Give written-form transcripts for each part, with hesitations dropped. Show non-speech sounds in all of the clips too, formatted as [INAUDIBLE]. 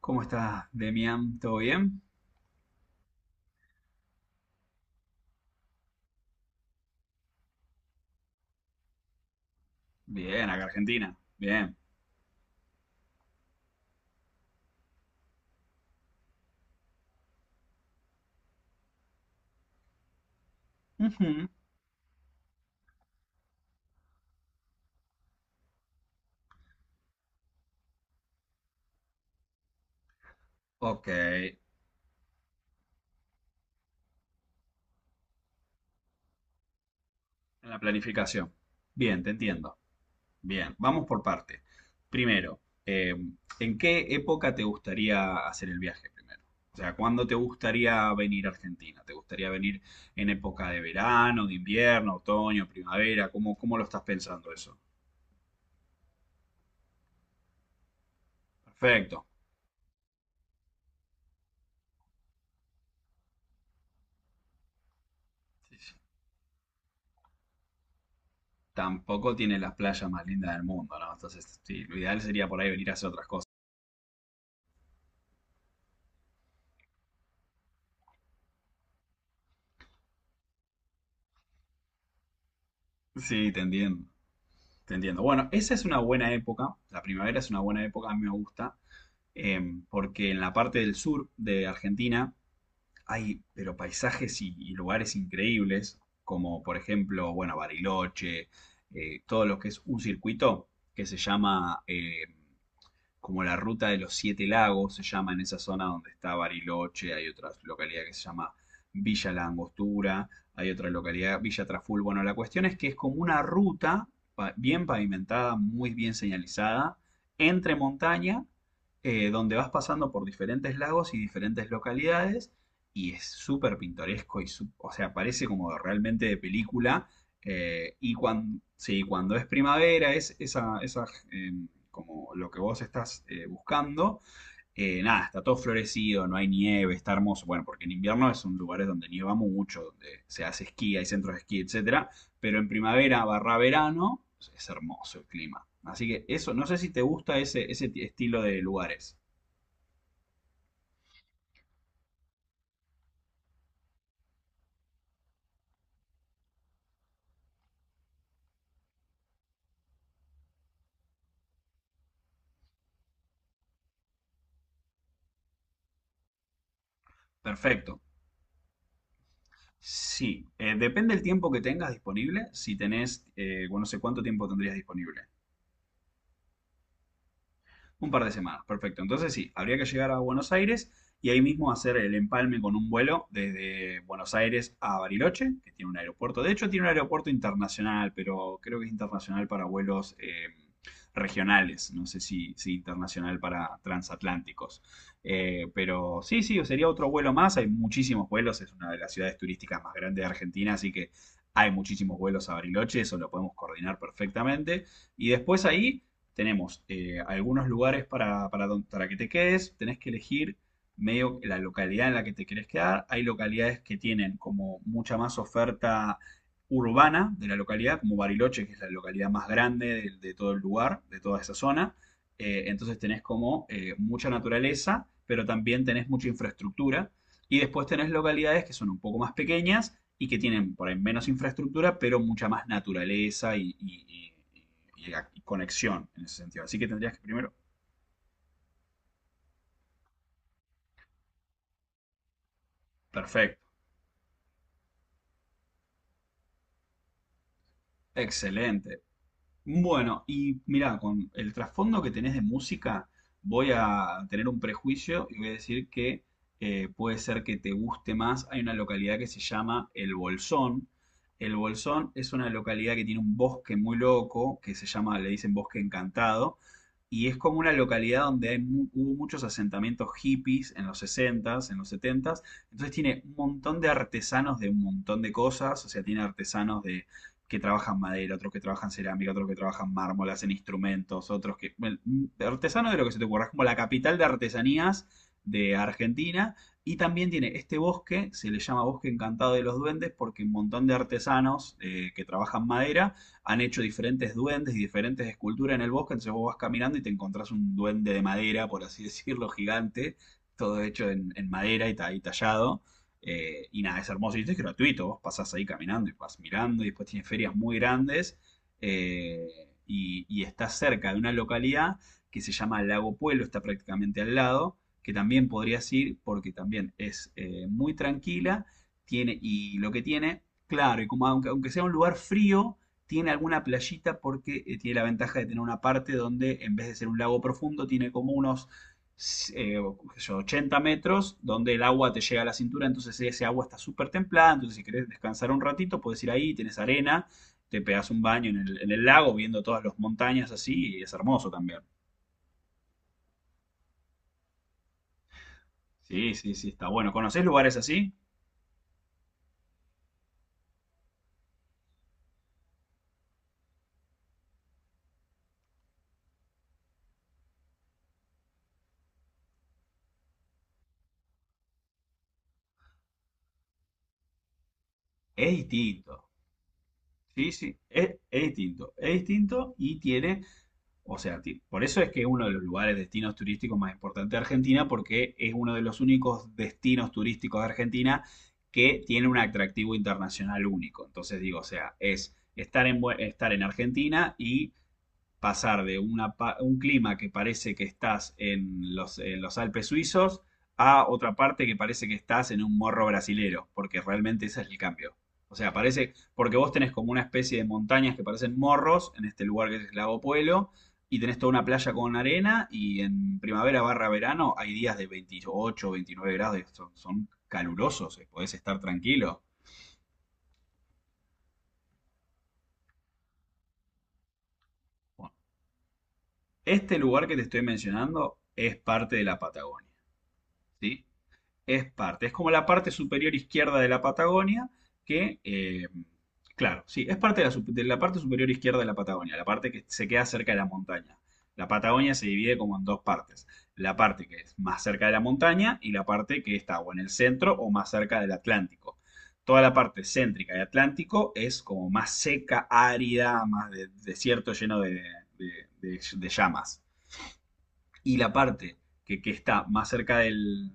¿Cómo estás, Demian? ¿Todo bien? Bien, acá Argentina. Bien. Ujú. Ok, en la planificación. Bien, te entiendo. Bien, vamos por parte. Primero, ¿en qué época te gustaría hacer el viaje primero? O sea, ¿cuándo te gustaría venir a Argentina? ¿Te gustaría venir en época de verano, de invierno, otoño, primavera? ¿Cómo, cómo lo estás pensando eso? Perfecto. Sí, sí. Tampoco tiene las playas más lindas del mundo, ¿no? Entonces, sí, lo ideal sería por ahí venir a hacer otras cosas. Sí, te entiendo. Te entiendo. Bueno, esa es una buena época. La primavera es una buena época, a mí me gusta, porque en la parte del sur de Argentina hay, pero paisajes y, lugares increíbles, como por ejemplo, bueno, Bariloche, todo lo que es un circuito que se llama como la Ruta de los Siete Lagos, se llama en esa zona donde está Bariloche, hay otra localidad que se llama Villa La Angostura, hay otra localidad, Villa Traful. Bueno, la cuestión es que es como una ruta bien pavimentada, muy bien señalizada, entre montaña, donde vas pasando por diferentes lagos y diferentes localidades, y es súper pintoresco, y o sea, parece como realmente de película. Y cuando, sí, cuando es primavera, es esa, eh, como lo que vos estás buscando, nada, está todo florecido, no hay nieve, está hermoso. Bueno, porque en invierno es un lugar donde nieva mucho, donde se hace esquí, hay centros de esquí, etcétera. Pero en primavera barra verano es hermoso el clima. Así que eso, no sé si te gusta ese, ese estilo de lugares. Perfecto. Sí, depende del tiempo que tengas disponible. Si tenés, bueno, no sé cuánto tiempo tendrías disponible. Un par de semanas, perfecto. Entonces sí, habría que llegar a Buenos Aires y ahí mismo hacer el empalme con un vuelo desde Buenos Aires a Bariloche, que tiene un aeropuerto. De hecho, tiene un aeropuerto internacional, pero creo que es internacional para vuelos regionales. No sé si, si internacional para transatlánticos. Pero sí, sí, sería otro vuelo más. Hay muchísimos vuelos. Es una de las ciudades turísticas más grandes de Argentina, así que hay muchísimos vuelos a Bariloche. Eso lo podemos coordinar perfectamente. Y después ahí tenemos algunos lugares para, para que te quedes, tenés que elegir medio la localidad en la que te querés quedar. Hay localidades que tienen como mucha más oferta urbana de la localidad, como Bariloche, que es la localidad más grande de todo el lugar, de toda esa zona. Entonces tenés como mucha naturaleza, pero también tenés mucha infraestructura. Y después tenés localidades que son un poco más pequeñas y que tienen por ahí menos infraestructura, pero mucha más naturaleza y, y- y conexión en ese sentido. Así que tendrías que primero, perfecto, excelente. Bueno, y mirá, con el trasfondo que tenés de música, voy a tener un prejuicio y voy a decir que puede ser que te guste más. Hay una localidad que se llama El Bolsón. El Bolsón es una localidad que tiene un bosque muy loco, que se llama, le dicen Bosque Encantado, y es como una localidad donde hay hubo muchos asentamientos hippies en los 60s, en los 70s, entonces tiene un montón de artesanos de un montón de cosas, o sea, tiene artesanos de que trabajan madera, otros que trabajan cerámica, otros que trabajan mármol, hacen instrumentos, otros que... Bueno, artesano de lo que se te ocurra, es como la capital de artesanías de Argentina. Y también tiene este bosque, se le llama Bosque Encantado de los Duendes, porque un montón de artesanos que trabajan madera han hecho diferentes duendes y diferentes esculturas en el bosque. Entonces vos vas caminando y te encontrás un duende de madera, por así [LAUGHS] decirlo, gigante, todo hecho en madera y, y tallado, y nada, es hermoso. Y esto es gratuito. Vos pasás ahí caminando y vas mirando. Y después tiene ferias muy grandes. eh, y, y está cerca de una localidad que se llama Lago Puelo. Está prácticamente al lado. Que también podrías ir porque también es muy tranquila. Tiene, y lo que tiene, claro, y como aunque, aunque sea un lugar frío, tiene alguna playita porque tiene la ventaja de tener una parte donde en vez de ser un lago profundo, tiene como unos eh, qué yo, 80 metros, donde el agua te llega a la cintura, entonces ese agua está súper templada, entonces si querés descansar un ratito, puedes ir ahí, tenés arena, te pegas un baño en el lago, viendo todas las montañas así, y es hermoso también. Sí, sí, sí, está bueno. ¿Conocés lugares así? Es distinto. Sí, sí, es distinto. Es distinto y tiene. O sea, por eso es que uno de los lugares, destinos turísticos más importantes de Argentina, porque es uno de los únicos destinos turísticos de Argentina que tiene un atractivo internacional único. Entonces digo, o sea, es estar en, estar en Argentina y pasar de un clima que parece que estás en los Alpes suizos a otra parte que parece que estás en un morro brasilero, porque realmente ese es el cambio. O sea, parece, porque vos tenés como una especie de montañas que parecen morros en este lugar que es Lago Puelo y tenés toda una playa con arena, y en primavera barra verano hay días de 28, 29 grados, son, son calurosos, podés estar tranquilo. Bueno, este lugar que te estoy mencionando es parte de la Patagonia, ¿sí? Es parte, es como la parte superior izquierda de la Patagonia, que, claro, sí, es parte de la, de la parte superior izquierda de la Patagonia, la parte que se queda cerca de la montaña. La Patagonia se divide como en dos partes, la parte que es más cerca de la montaña y la parte que está o en el centro o más cerca del Atlántico. Toda la parte céntrica del Atlántico es como más seca, árida, desierto lleno de, de llamas. Y la parte que está más cerca del,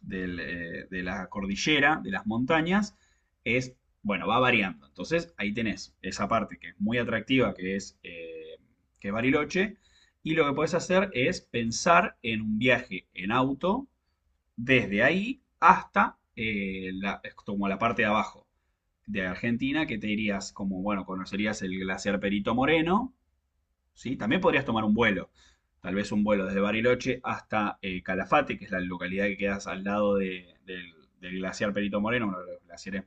del, de la cordillera, de las montañas, es, bueno, va variando. Entonces ahí tenés esa parte que es muy atractiva, que es Bariloche, y lo que podés hacer es pensar en un viaje en auto desde ahí hasta como la parte de abajo de Argentina, que te irías como, bueno, conocerías el glaciar Perito Moreno, ¿sí? También podrías tomar un vuelo, tal vez un vuelo desde Bariloche hasta Calafate, que es la localidad que quedas al lado del, del glaciar Perito Moreno, uno de los glaciares.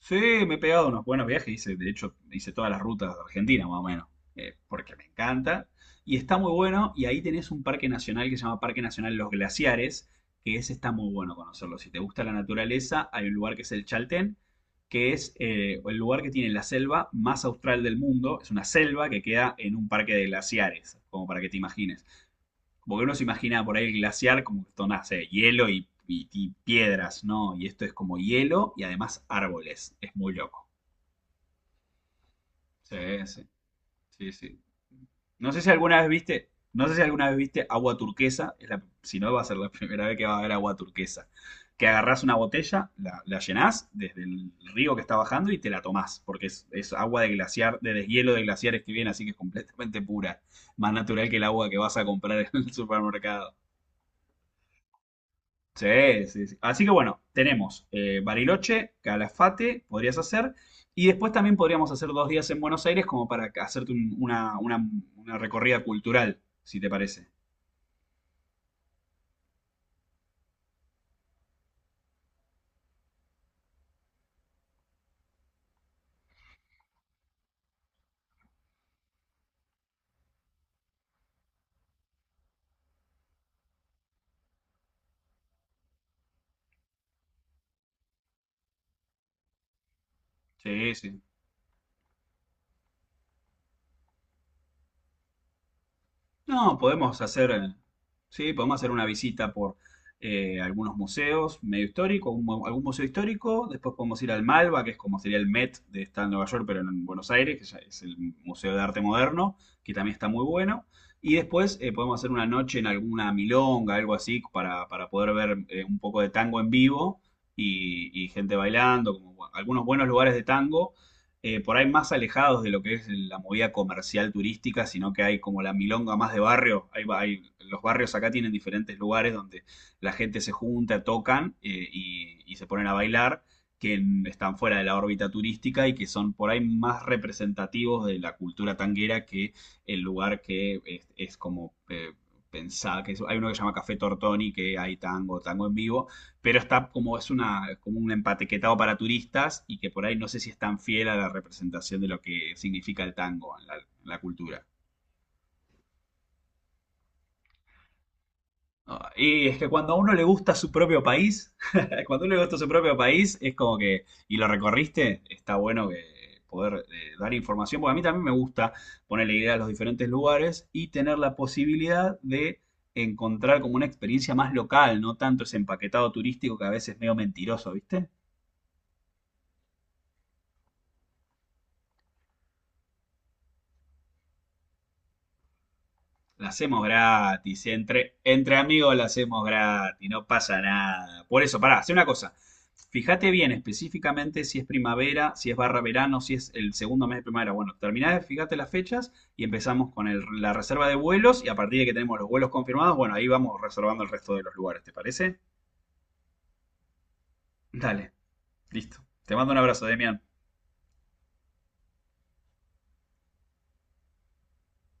Sí, me he pegado unos buenos viajes, hice, de hecho, hice todas las rutas de Argentina, más o menos, porque me encanta. Y está muy bueno, y ahí tenés un parque nacional que se llama Parque Nacional Los Glaciares, que ese está muy bueno conocerlo. Si te gusta la naturaleza, hay un lugar que es el Chaltén, que es el lugar que tiene la selva más austral del mundo. Es una selva que queda en un parque de glaciares, como para que te imagines. Como que uno se imagina por ahí el glaciar como que son, no sé, hielo y, y piedras, ¿no? Y esto es como hielo y además árboles. Es muy loco. Sí, sí, sí, sí. No sé si alguna vez viste, no sé si alguna vez viste agua turquesa. Es si no, va a ser la [LAUGHS] primera vez que va a haber agua turquesa. Que agarrás una botella, la llenás desde el río que está bajando y te la tomás, porque es agua de glaciar, de deshielo de glaciares que viene, así que es completamente pura, más natural que el agua que vas a comprar en el [LAUGHS] supermercado. Sí, sí, sí. Así que bueno, tenemos Bariloche, Calafate, podrías hacer. Y después también podríamos hacer dos días en Buenos Aires como para hacerte una recorrida cultural, si te parece. Sí, sí. No, podemos hacer, sí, podemos hacer una visita por algunos museos medio históricos, algún museo histórico. Después podemos ir al Malva, que es como sería el Met de está en Nueva York, pero en Buenos Aires, que ya es el Museo de Arte Moderno, que también está muy bueno. Y después podemos hacer una noche en alguna milonga, algo así, para poder ver un poco de tango en vivo y gente bailando, como algunos buenos lugares de tango por ahí más alejados de lo que es la movida comercial turística, sino que hay como la milonga más de barrio. Hay, los barrios acá tienen diferentes lugares donde la gente se junta, tocan y se ponen a bailar, que están fuera de la órbita turística y que son por ahí más representativos de la cultura tanguera que el lugar que es como... pensar que hay uno que se llama Café Tortoni, que hay tango, tango en vivo, pero está como es una como un empaquetado para turistas y que por ahí no sé si es tan fiel a la representación de lo que significa el tango en la cultura. Ah, y es que cuando a uno le gusta su propio país, [LAUGHS] cuando a uno le gusta su propio país, es como que, y lo recorriste, está bueno que poder dar información, porque a mí también me gusta ponerle idea a los diferentes lugares y tener la posibilidad de encontrar como una experiencia más local, no tanto ese empaquetado turístico que a veces es medio mentiroso, ¿viste? La hacemos gratis, entre, entre amigos la hacemos gratis, no pasa nada. Por eso, pará, hace una cosa. Fíjate bien específicamente si es primavera, si es barra verano, si es el segundo mes de primavera. Bueno, terminá, fíjate las fechas y empezamos con la reserva de vuelos y a partir de que tenemos los vuelos confirmados, bueno, ahí vamos reservando el resto de los lugares, ¿te parece? Dale, listo. Te mando un abrazo, Demian.